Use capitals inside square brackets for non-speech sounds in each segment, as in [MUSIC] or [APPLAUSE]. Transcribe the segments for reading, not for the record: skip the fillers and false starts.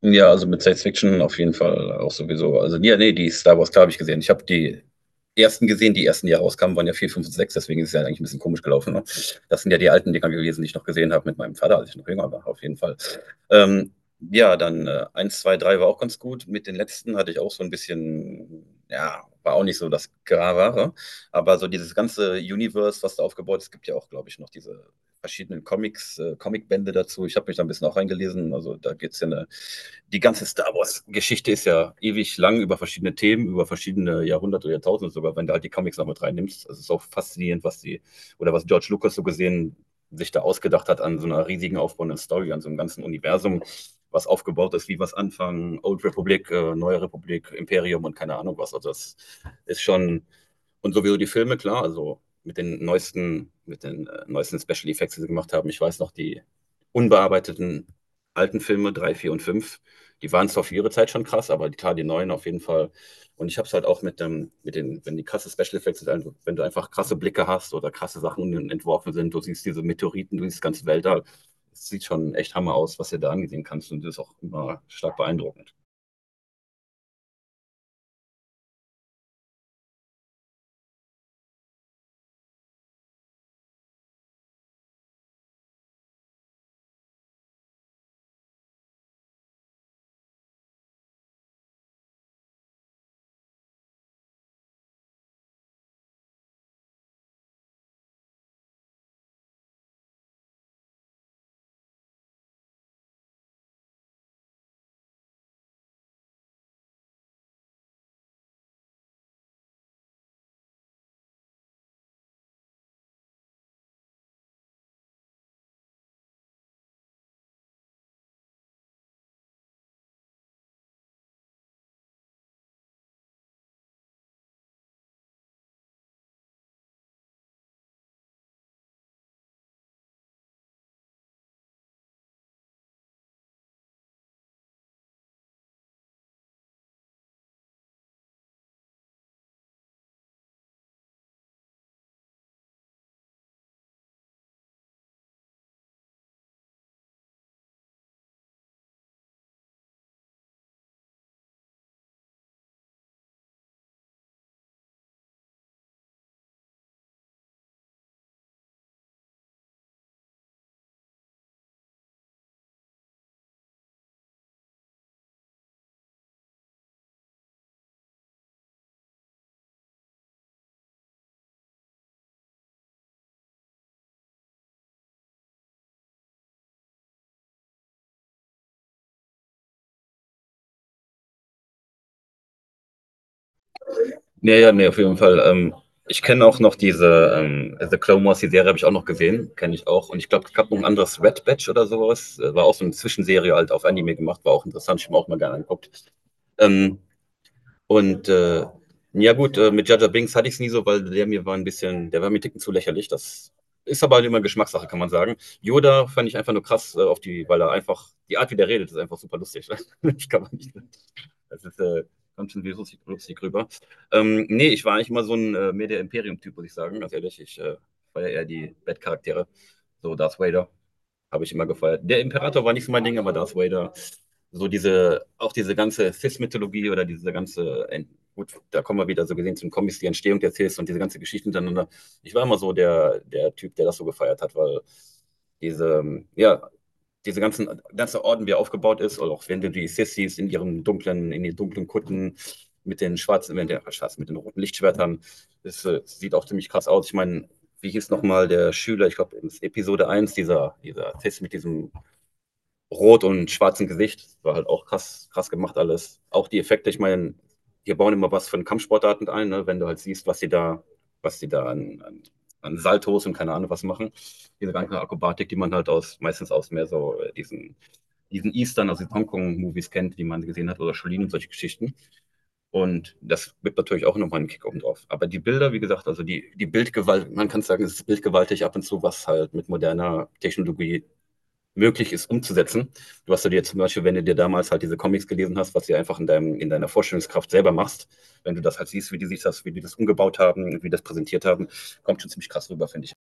Ja, also mit Science Fiction auf jeden Fall auch sowieso. Also, ja, nee, die Star Wars, klar, habe ich gesehen. Ich habe die ersten gesehen, die ersten, die rauskamen, waren ja 4, 5, und 6, deswegen ist es ja eigentlich ein bisschen komisch gelaufen. Ne? Das sind ja die alten Dinger gewesen, die ich noch gesehen habe mit meinem Vater, als ich noch jünger war, auf jeden Fall. Ähm, ja, dann 1, 2, 3 war auch ganz gut. Mit den letzten hatte ich auch so ein bisschen, ja, war auch nicht so das Gravere. Aber so dieses ganze Universe, was da aufgebaut ist, gibt ja auch, glaube ich, noch diese verschiedenen Comics, Comicbände dazu. Ich habe mich da ein bisschen auch reingelesen. Also da geht es ja eine, die ganze Star Wars-Geschichte ist ja ewig lang über verschiedene Themen, über verschiedene Jahrhunderte oder Jahrtausende sogar, wenn du halt die Comics noch mit reinnimmst. Also, es ist auch faszinierend, was oder was George Lucas so gesehen, sich da ausgedacht hat an so einer riesigen aufbauenden Story, an so einem ganzen Universum, was aufgebaut ist, wie was anfangen, Old Republic, Neue Republik, Imperium und keine Ahnung was. Also das ist schon, und sowieso die Filme, klar, also mit den neuesten Special Effects, die sie gemacht haben. Ich weiß noch, die unbearbeiteten alten Filme, 3 4 und fünf, die waren zwar für ihre Zeit schon krass, aber die, klar, die neuen auf jeden Fall. Und ich habe es halt auch mit, dem, mit den, wenn die krasse Special Effects sind, also wenn du einfach krasse Blicke hast oder krasse Sachen entworfen sind, du siehst diese Meteoriten, du siehst das ganze Wälder, es sieht schon echt Hammer aus, was du da ansehen kannst, und das ist auch immer stark beeindruckend. Ja, ja, nee, auf jeden Fall. Ich kenne auch noch diese The Clone Wars, die Serie habe ich auch noch gesehen, kenne ich auch. Und ich glaube, es gab noch ein anderes Red Batch oder sowas. War auch so eine Zwischenserie halt auf Anime gemacht, war auch interessant, ich habe mir auch mal gerne angeguckt. Ähm, und äh, ja gut, mit Jaja Binks hatte ich es nie so, weil der mir war ein bisschen, der war mir einen ticken zu lächerlich. Das ist aber halt immer Geschmackssache, kann man sagen. Yoda fand ich einfach nur krass auf die, weil er einfach, die Art, wie der redet, ist einfach super lustig. [LAUGHS] Ich kann man nicht. Das ist, kommt schon lustig, lustig rüber. Nee, ich war eigentlich immer so ein mehr der Imperium-Typ, muss ich sagen. Ganz ehrlich, ich war ja eher die Bad-Charaktere, so Darth Vader habe ich immer gefeiert. Der Imperator war nicht so mein Ding, aber Darth Vader. So diese, auch diese ganze Sith-Mythologie oder diese ganze, gut, da kommen wir wieder so gesehen zum Comics, die Entstehung der Sith und diese ganze Geschichte miteinander. Ich war immer so der, der Typ, der das so gefeiert hat, weil diese, ja, diese ganzen, ganze Orden, wie er aufgebaut ist, oder auch wenn du die Sissis in ihren dunklen, in den dunklen Kutten mit den schwarzen, mit den, schwarzen, mit den roten Lichtschwertern, das sieht auch ziemlich krass aus. Ich meine, wie hieß nochmal der Schüler, ich glaube, in Episode eins dieser, dieser Test mit diesem rot und schwarzem Gesicht. Das war halt auch krass, krass gemacht alles. Auch die Effekte, ich meine, wir bauen immer was von Kampfsportarten ein, ne? Wenn du halt siehst, was die da an, an, an Saltos und keine Ahnung was machen. Diese ganze Akrobatik, die man halt aus, meistens aus mehr so diesen, diesen Eastern, also die Hongkong-Movies kennt, die man gesehen hat, oder Shaolin und solche Geschichten. Und das gibt natürlich auch nochmal einen Kick oben drauf. Aber die Bilder, wie gesagt, also die, die Bildgewalt, man kann sagen, es ist bildgewaltig ab und zu, was halt mit moderner Technologie möglich ist umzusetzen. Was, du hast ja dir zum Beispiel, wenn du dir damals halt diese Comics gelesen hast, was du einfach in, deinem, in deiner Vorstellungskraft selber machst, wenn du das halt siehst, wie die sich das, wie die das umgebaut haben, wie die das präsentiert haben, kommt schon ziemlich krass rüber, finde ich.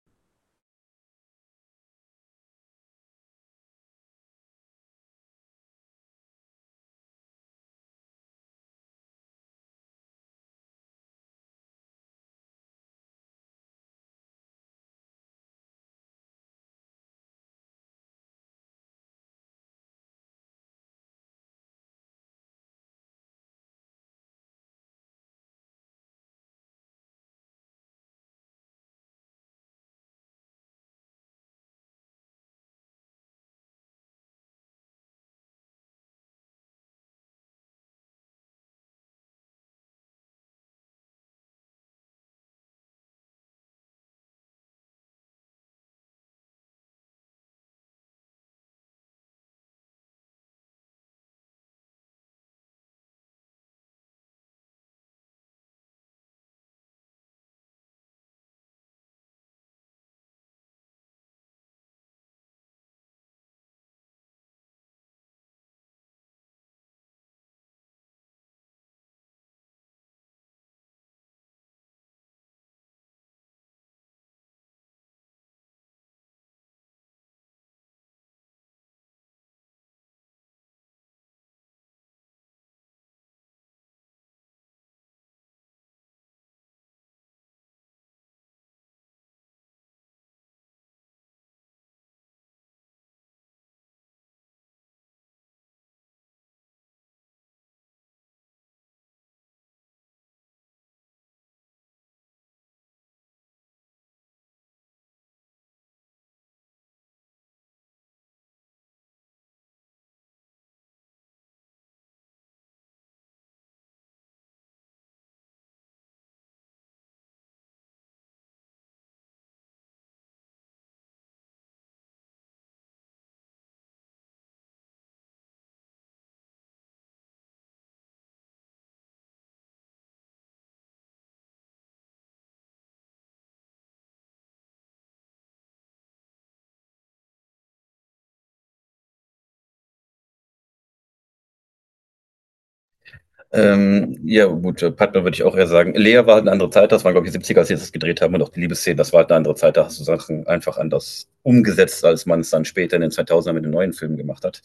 Ja, gut, Padme würde ich auch eher sagen. Lea war halt eine andere Zeit, das waren, glaube ich, die 70 als sie das gedreht haben, und auch die Liebesszenen, das war halt eine andere Zeit, da hast du Sachen einfach anders umgesetzt, als man es dann später in den zweitausendern mit den neuen Filmen gemacht hat.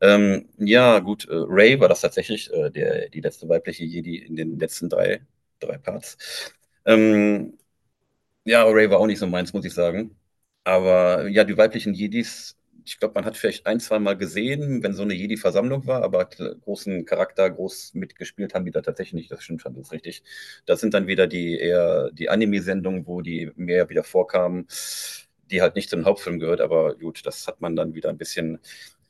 Ja, gut, Ray war das tatsächlich, der, die letzte weibliche Jedi in den letzten drei, drei Parts. Ähm, ja, Ray war auch nicht so meins, muss ich sagen. Aber ja, die weiblichen Jedis, ich glaube, man hat vielleicht ein, zwei Mal gesehen, wenn so eine Jedi-Versammlung war, aber großen Charakter, groß mitgespielt haben die da tatsächlich nicht. Das stimmt schon, das ist richtig. Das sind dann wieder die eher die Anime-Sendungen, wo die mehr wieder vorkamen, die halt nicht zum Hauptfilm gehört, aber gut, das hat man dann wieder ein bisschen,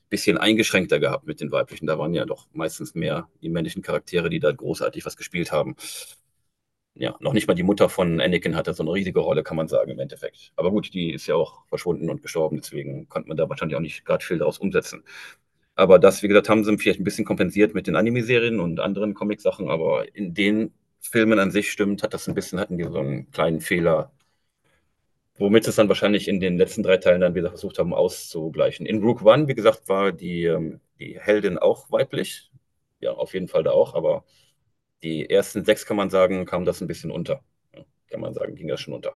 bisschen eingeschränkter gehabt mit den weiblichen. Da waren ja doch meistens mehr die männlichen Charaktere, die da großartig was gespielt haben. Ja, noch nicht mal die Mutter von Anakin hatte so eine riesige Rolle, kann man sagen, im Endeffekt. Aber gut, die ist ja auch verschwunden und gestorben, deswegen konnte man da wahrscheinlich auch nicht gerade viel daraus umsetzen. Aber das, wie gesagt, haben sie vielleicht ein bisschen kompensiert mit den Anime-Serien und anderen Comic-Sachen, aber in den Filmen an sich stimmt, hat das ein bisschen, hatten die so einen kleinen Fehler, womit sie es dann wahrscheinlich in den letzten drei Teilen dann wieder versucht haben auszugleichen. In Rogue One, wie gesagt, war die, die Heldin auch weiblich. Ja, auf jeden Fall da auch, aber die ersten sechs, kann man sagen, kam das ein bisschen unter. Ja, kann man sagen, ging das schon unter.